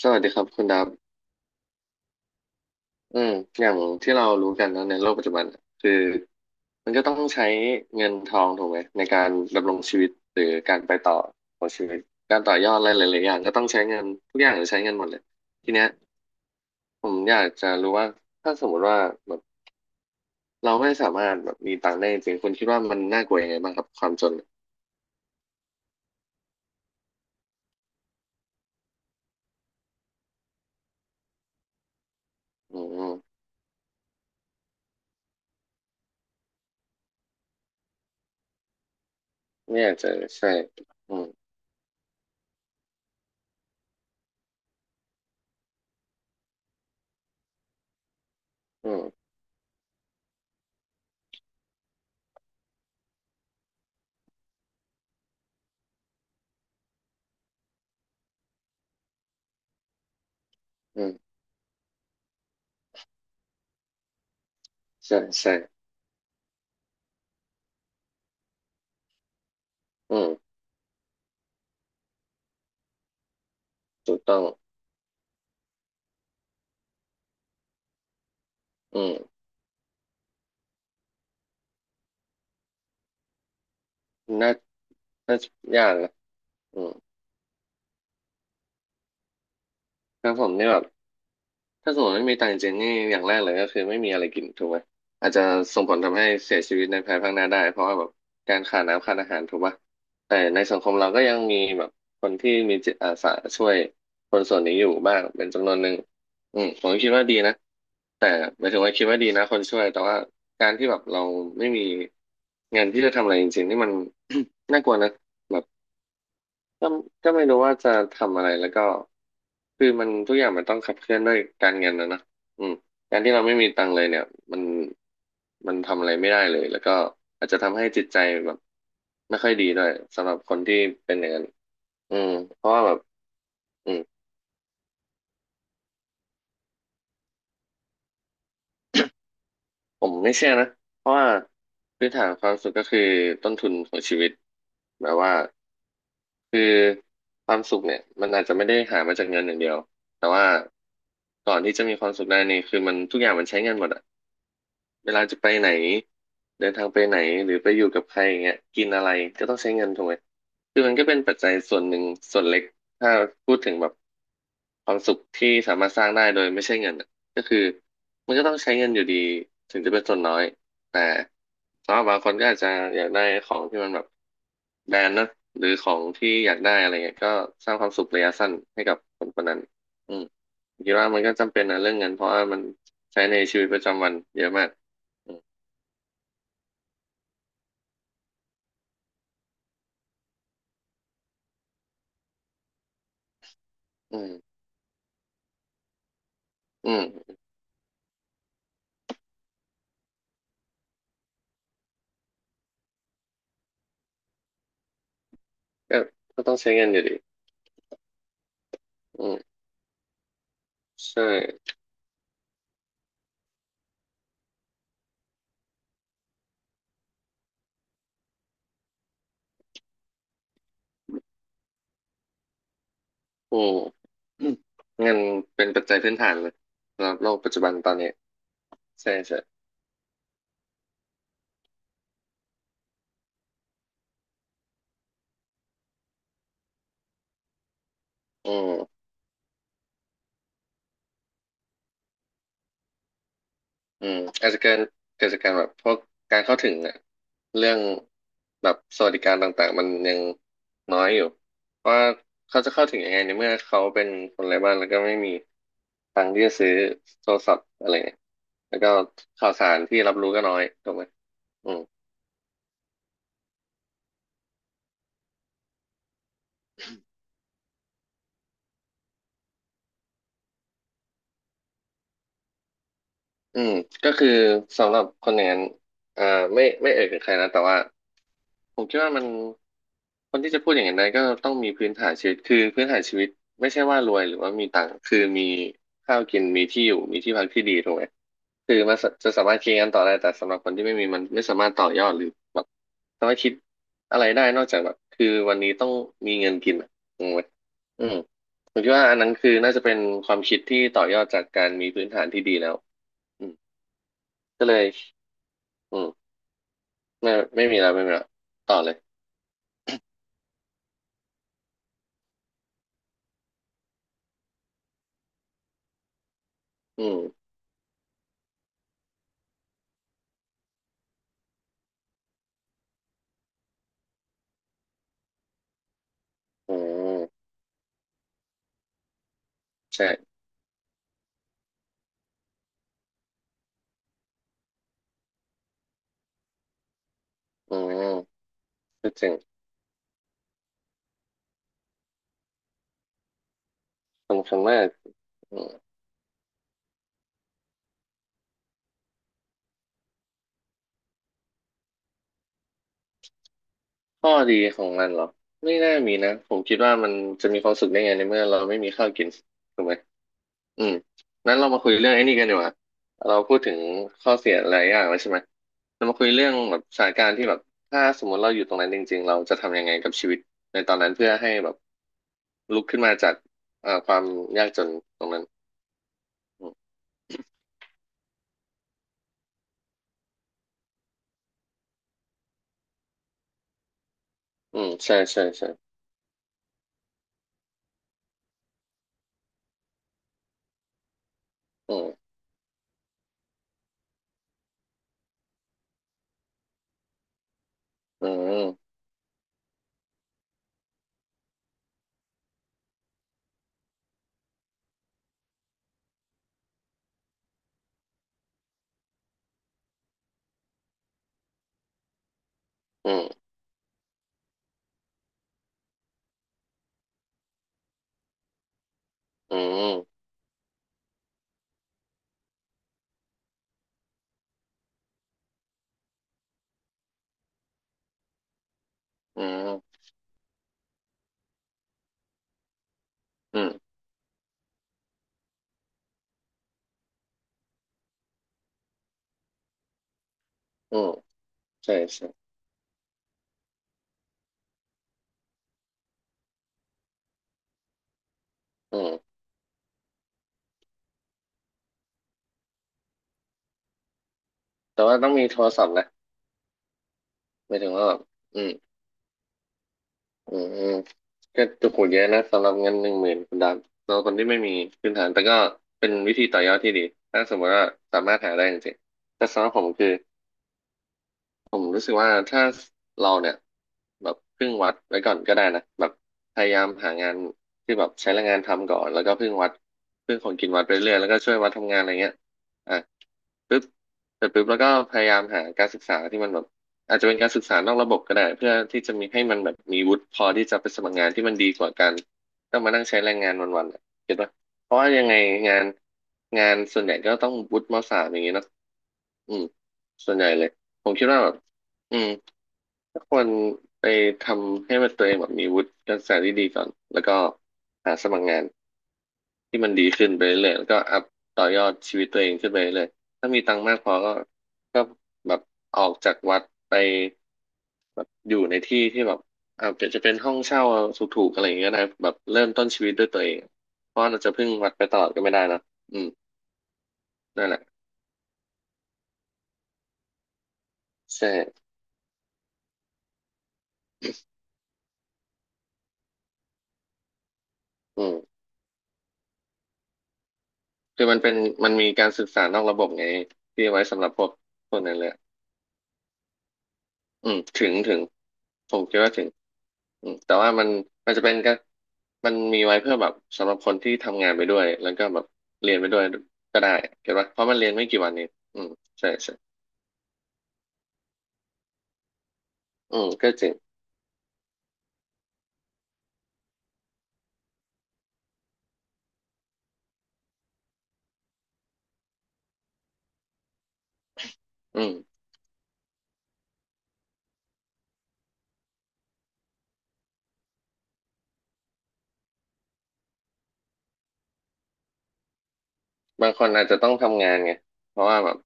สวัสดีครับคุณดับอืมอย่างที่เรารู้กันนะในโลกปัจจุบันน่ะคือมันก็ต้องใช้เงินทองถูกไหมในการดำรงชีวิตหรือการไปต่อของชีวิตการต่อยอดอะไรหลายๆอย่างก็ต้องใช้เงินทุกอย่างจะใช้เงินหมดเลยทีเนี้ยผมอยากจะรู้ว่าถ้าสมมติว่าแบบเราไม่สามารถแบบมีตังค์ได้จริงคุณคิดว่ามันน่ากลัวยังไงบ้างครับความจนอืมอไม่อยากจะใช่อืมอืมอืมใช่ใช่อืมถูกต้องอืมน่าน่าจะยากนะ ครับผมนี่แบบถ้าสมมติไม่มีตังค์จริงๆนี่อย่างแรกเลยก็คือไม่มีอะไรกินถูกไหมอาจจะส่งผลทำให้เสียชีวิตในภายภาคหน้าได้เพราะว่าแบบการขาดน้ำขาดอาหารถูกปะแต่ในสังคมเราก็ยังมีแบบคนที่มีจิตอาสาช่วยคนส่วนนี้อยู่บ้างเป็นจำนวนหนึ่งอืมผมก็คิดว่าดีนะแต่หมายถึงว่าคิดว่าดีนะคนช่วยแต่ว่าการที่แบบเราไม่มีเงินที่จะทำอะไรจริงๆนี่มัน น่ากลัวนะ ก็ก็ไม่รู้ว่าจะทำอะไรแล้วก็คือมันทุกอย่างมันต้องขับเคลื่อนด้วยการเงินนะเนอะอืมการที่เราไม่มีตังค์เลยเนี่ยมันมันทำอะไรไม่ได้เลยแล้วก็อาจจะทำให้จิตใจแบบไม่ค่อยดีด้วยสำหรับคนที่เป็นอย่างนั้นอืมเพราะว่าแบบอืมผมไม่เชื่อนะเพราะว่าพื้นฐานความสุขก็คือต้นทุนของชีวิตแบบว่า คือความสุขเนี่ยมันอาจจะไม่ได้หามาจากเงินอย่างเดียวแต่ว่าก่อนที่จะมีความสุขได้นี่คือมันทุกอย่างมันใช้เงินหมดอะ เวลาจะไปไหนเดินทางไปไหนหรือไปอยู่กับใครอย่างเงี้ยกินอะไรก็ต้องใช้เงินถูกไหมคือมันก็เป็นปัจจัยส่วนหนึ่งส่วนเล็กถ้าพูดถึงแบบความสุขที่สามารถสร้างได้โดยไม่ใช่เงินอะก็คือมันก็ต้องใช้เงินอยู่ดีถึงจะเป็นส่วนน้อยแต่สำหรับบางคนก็อาจจะอยากได้ของที่มันแบบแบรนด์เนอะหรือของที่อยากได้อะไรเงี้ยก็สร้างความสุขระยะสั้นให้กับคนคนนั้นอืมคิดว่ามันก็จำเป็นนะเรื่องเงินเพราะว่ามันใช้ในชีวิตประจำวันเยอะมาก อืมอืมอืมก็ก็ต้องใช้เงินอยู่ดีอืมใช่อืมอืมเงินเป็นปัจจัยพื้นฐานเลยสำหรับโลกปัจจุบันตอนนี้ใช่ใช่อืมอืมอาจจะเกิดจากการแบบพวกการเข้าถึงอะเรื่องแบบสวัสดิการต่างๆมันยังน้อยอยู่เพราะว่าเขาจะเข้าถึงยังไงในเมื่อเขาเป็นคนไร้บ้านแล้วก็ไม่มีตังค์ที่จะซื้อโทรศัพท์อะไรเนี่ยแล้วก็ข่าวสารที่รับรู้ก็น้อยถูกไหมอืม อืมก็คือสำหรับคนอย่างนั้นอ่าไม่เอ่ยถึงใครนะแต่ว่าผมคิดว่ามันคนที่จะพูดอย่างนั้นได้ก็ต้องมีพื้นฐานชีวิตคือพื้นฐานชีวิตไม่ใช่ว่ารวยหรือว่ามีตังค์คือมีข้าวกินมีที่อยู่มีที่พักที่ดีถูกไหมคือมันสะจะสามารถคิดกันต่อได้แต่สำหรับคนที่ไม่มีมันไม่สามารถต่อยอดหรือแบบสามารถคิดอะไรได้นอกจากแบบคือวันนี้ต้องมีเงินกินอะงงไหมอืมผมคิดว่าอันนั้นคือน่าจะเป็นความคิดที่ต่อยอดจากการมีพื้นฐานที่ดีแล้ว ก็เลยอืมไม่มีแล้วไม่มีแล้วต่อเลยอืมอืมใช่อืมคือถึงสำคัญมากอืมข้อดีของมันเหรอไม่น่ามีนะผมคิดว่ามันจะมีความสุขได้ไงในเมื่อเราไม่มีข้าวกินถูกไหมอืมนั้นเรามาคุยเรื่องไอ้นี่กันดีกว่าเราพูดถึงข้อเสียหลายอย่างแล้วใช่ไหมเรามาคุยเรื่องแบบสถานการณ์ที่แบบถ้าสมมติเราอยู่ตรงนั้นจริงๆเราจะทำยังไงกับชีวิตในตอนนั้นเพื่อให้แบบลุกขึ้นมาจากความยากจนตรงนั้น อืมใช่ใช่ใช่อืมอืมอืมอืมอืมอืมอืมใช่ใช่อืมแต่ว่าต้องมีโทรศัพท์นะหมายถึงว่าแบบอืมอืมอืมก็จุกหูเยอะนะสำหรับเงิน10,000คุณดามสำหรับคนที่ไม่มีพื้นฐานแต่ก็เป็นวิธีต่อยอดที่ดีถ้าสมมติว่าสามารถหาได้จริงๆแต่สำหรับผมคือ ผมรู้สึกว่าถ้าเราเนี่ยแบบพึ่งวัดไว้ก่อนก็ได้นะแบบพยายามหางานที่แบบใช้แรงงานทำก่อนแล้วก็พึ่งของกินวัดไปเรื่อยแล้วก็ช่วยวัดทำงานอะไรเงี้ยอ่ะปึ๊บเสร็จปึ๊บแล้วก็พยายามหาการศึกษาที่มันแบบอาจจะเป็นการศึกษานอกระบบก็ได้เพื่อที่จะมีให้มันแบบมีวุฒิพอที่จะไปสมัครงานที่มันดีกว่าการต้องมานั่งใช้แรงงานวันๆอะเก็ตปะเพราะว่ายังไงงานงานส่วนใหญ่ก็ต้องวุฒิมสามอย่างงี้เนอะ อืมส่วนใหญ่เลยผมคิดว่าแบบอืมถ้าควรไปทำให้มันตัวเองแบบมีวุฒิการศึกษาที่ดีก่อนแล้วก็หาสมัครงานที่มันดีขึ้นไปเรื่อยแล้วก็อัพต่อยอดชีวิตตัวเองขึ้นไปเรื่อยถ้ามีตังค์มากพอก็แบบออกจากวัดไปแบบอยู่ในที่ที่แบบอาจจะเป็นห้องเช่าถูกๆอะไรอย่างเงี้ยนะแบบเริ่มต้นชีวิตด้วยตัวเองเพราะเราจะพึ่งวัดไปตลอดก็ไม่ได้นอะอืมนั่นแหละใช่อืม คือมันเป็นมีการศึกษานอกระบบไงที่ไว้สำหรับพวกคนนั้นเลยออืมถึงผมคิดว่าถึงอืมแต่ว่ามันจะเป็นก็มันมีไว้เพื่อแบบสำหรับคนที่ทำงานไปด้วยแล้วก็แบบเรียนไปด้วยก็ได้เก็ตปะเพราะมันเรียนไม่กี่วันเองอืมใช่ใช่อืมก็จริงอืมบางคนอาจจะต้องทำงานไงเพราะว่าแบบ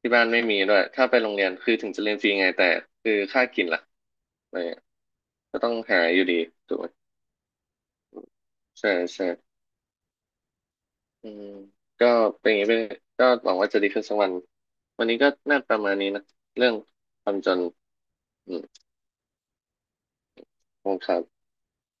ที่บ้านไม่มีด้วยถ้าไปโรงเรียนคือถึงจะเรียนฟรีไงแต่คือค่ากินล่ะอะไรเงี้ยก็ต้องหาอยู่ดีถูกไหมใช่ใช่ อืมก็เป็นอย่างนี้ไปเลยก็หวังว่าจะดีขึ้นสักวันวันนี้ก็น่าประมาณนี้นะเรื่องความจนอืมขอบคุณครับ